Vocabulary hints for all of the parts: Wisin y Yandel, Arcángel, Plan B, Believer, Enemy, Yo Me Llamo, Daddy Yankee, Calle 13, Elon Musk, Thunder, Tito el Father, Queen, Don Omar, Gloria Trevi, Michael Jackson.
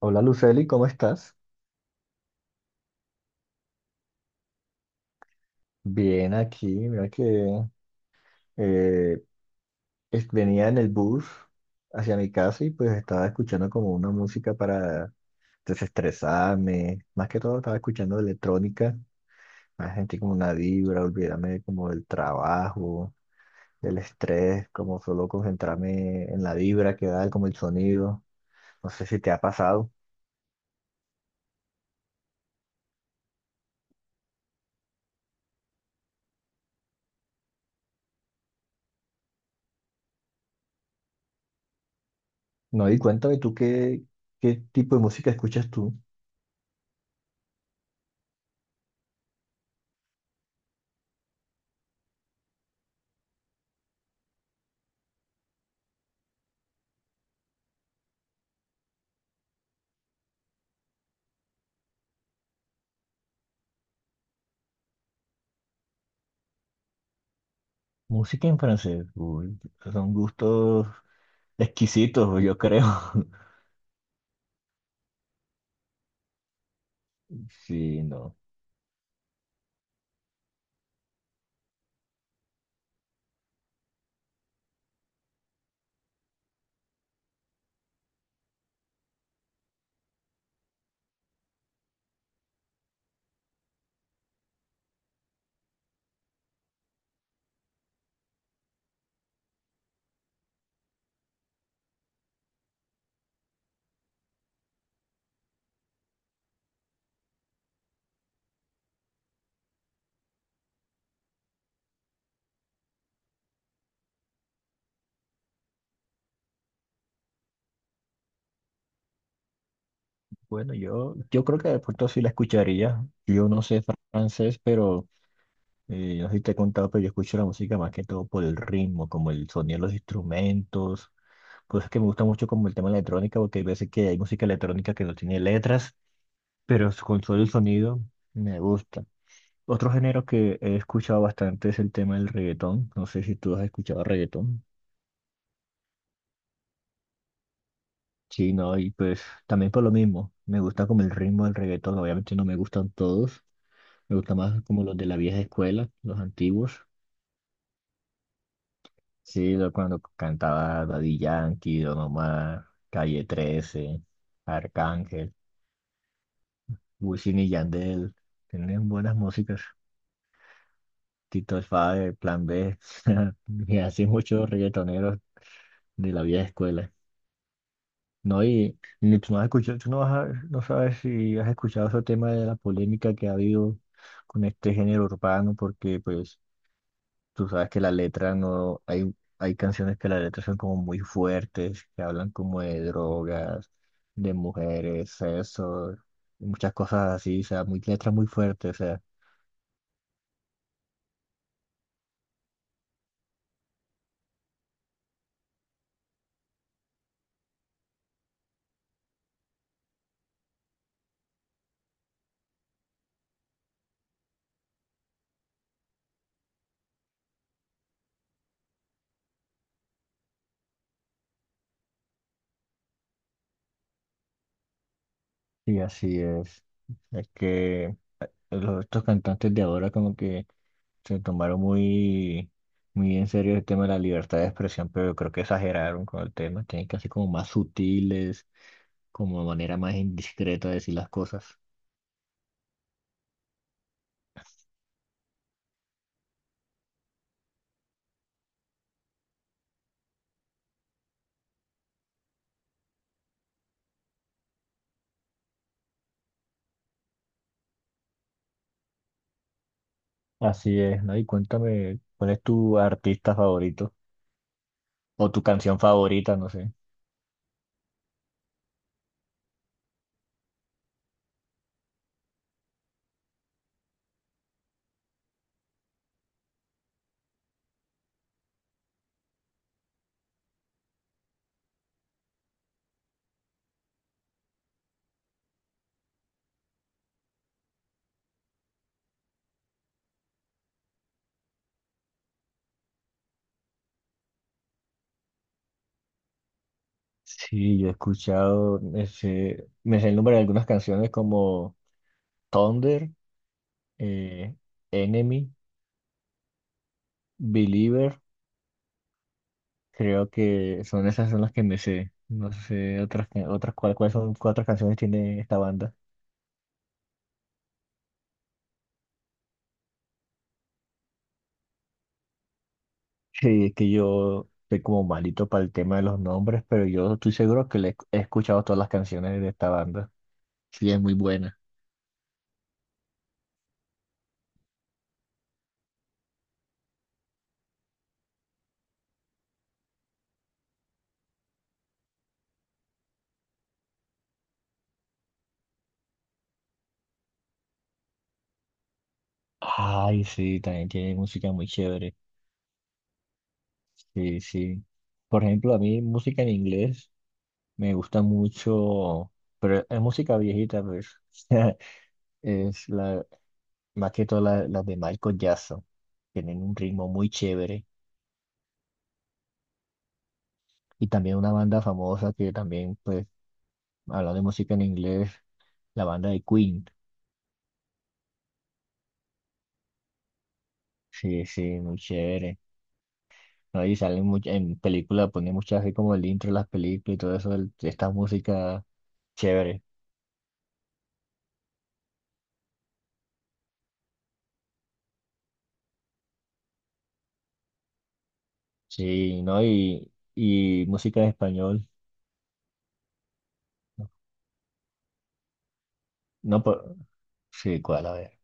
Hola Luceli, ¿cómo estás? Bien aquí, mira que eh, venía en el bus hacia mi casa y pues estaba escuchando como una música para desestresarme, más que todo estaba escuchando electrónica, me sentí como una vibra, olvidarme como del trabajo, del estrés, como solo concentrarme en la vibra que da, como el sonido, no sé si te ha pasado. No, y cuéntame qué tipo de música escuchas tú. Música en francés, uy, son gustos exquisitos, yo creo. Sí, no. Bueno, yo creo que de pronto sí la escucharía. Yo no sé francés, pero no sé si te he contado, pero yo escucho la música más que todo por el ritmo, como el sonido de los instrumentos. Pues es que me gusta mucho como el tema de la electrónica, porque hay veces que hay música electrónica que no tiene letras, pero con solo el sonido me gusta. Otro género que he escuchado bastante es el tema del reggaetón. No sé si tú has escuchado reggaetón. Sí, no, y pues también por lo mismo, me gusta como el ritmo del reggaetón, obviamente no me gustan todos, me gusta más como los de la vieja escuela, los antiguos, sí, cuando cantaba Daddy Yankee, Don Omar, Calle 13, Arcángel, Wisin y Yandel, tienen buenas músicas, Tito el Father, Plan B, y así muchos reggaetoneros de la vieja escuela. No, y ni tú no has escuchado, tú no, no sabes si has escuchado ese tema de la polémica que ha habido con este género urbano, porque pues tú sabes que la letra no, hay canciones que la letra son como muy fuertes, que hablan como de drogas, de mujeres, sexo, y muchas cosas así, o sea, muy letras muy fuertes, o sea, y así es. Es que estos cantantes de ahora como que se tomaron muy en serio el tema de la libertad de expresión, pero yo creo que exageraron con el tema. Tienen que ser como más sutiles, como de manera más indiscreta de decir las cosas. Así es, ¿no? Y cuéntame, ¿cuál es tu artista favorito? O tu canción favorita, no sé. Sí, yo he escuchado, me sé el nombre de algunas canciones como Thunder, eh, Enemy, Believer. Creo que son esas son las que me sé. No sé otras que- otras cuál- cuáles son cuatro canciones tiene esta banda. Sí, es que yo soy como malito para el tema de los nombres, pero yo estoy seguro que le he escuchado todas las canciones de esta banda. Sí, es muy buena. Ay, sí, también tiene música muy chévere. Sí, sí. Por ejemplo, a mí música en inglés me gusta mucho, pero es música viejita, pues. Es la, más que todo las de Michael Jackson. Tienen un ritmo muy chévere. Y también una banda famosa que también, pues, hablando de música en inglés, la banda de Queen. Sí, sí, muy chévere. ¿No? Y salen en películas, ponen muchas así como el intro de las películas y todo eso, esta música chévere. Sí, ¿no? Y música en español. No, por... Sí, ¿cuál? A ver.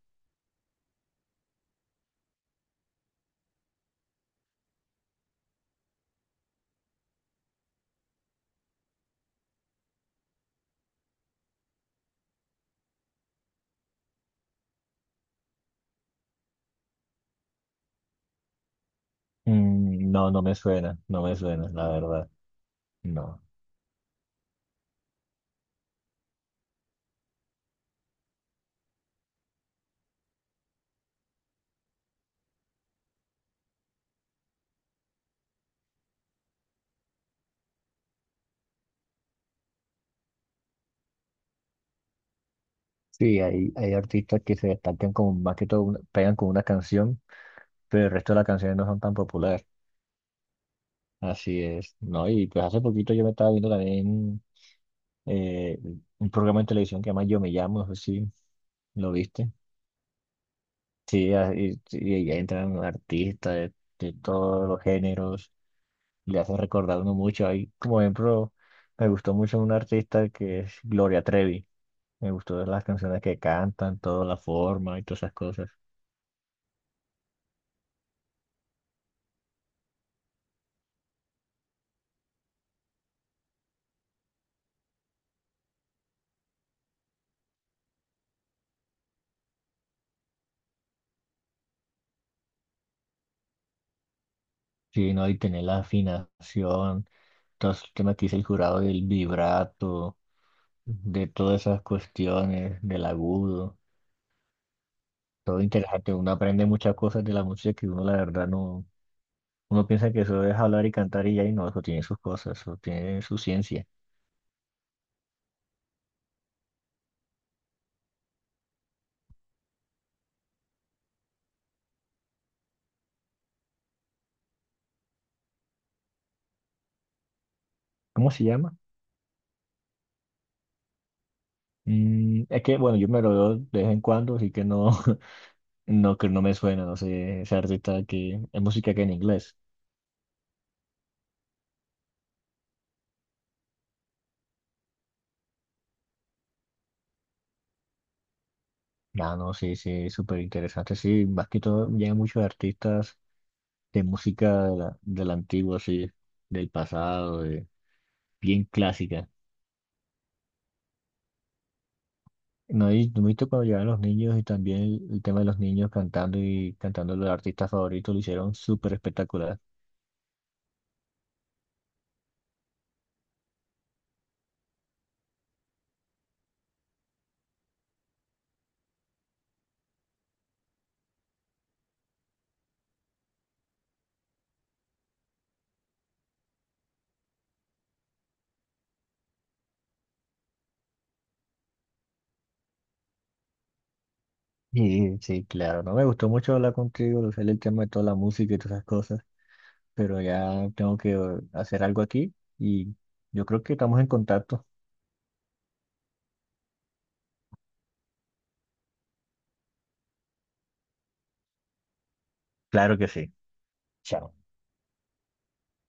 Mm, no me suena, no me suena, la verdad. No. Sí, hay artistas que se destacan como más que todo, pegan con una canción, pero el resto de las canciones no son tan populares. Así es, ¿no? Y pues hace poquito yo me estaba viendo también eh, un programa de televisión que llama Yo Me Llamo, no sé si lo viste. Sí, y ahí entran artistas de todos los géneros, le hacen recordar a uno mucho. Ahí, como ejemplo, me gustó mucho un artista que es Gloria Trevi. Me gustó las canciones que cantan, toda la forma y todas esas cosas. Sí, ¿no? Y tener la afinación, todos los temas que dice el jurado del vibrato, de todas esas cuestiones, del agudo. Todo interesante, uno aprende muchas cosas de la música que uno la verdad no, uno piensa que eso es hablar y cantar y ya, y no, eso tiene sus cosas, eso tiene su ciencia. ¿Cómo se llama? Mm, es que, bueno, yo me lo veo de vez en cuando, así que no, no, que no me suena, no sé, ese artista que es música que en inglés. Ah, no, sí, sí, súper interesante, sí, más que todo llegan muchos artistas de música de la antigua, sí, del pasado, bien clásica. No, y tú viste cuando llegaron los niños y también el tema de los niños cantando y cantando los artistas favoritos lo hicieron súper espectacular. Y sí, claro, no me gustó mucho hablar contigo, lo sé el tema de toda la música y todas esas cosas, pero ya tengo que hacer algo aquí y yo creo que estamos en contacto. Claro que sí. Chao.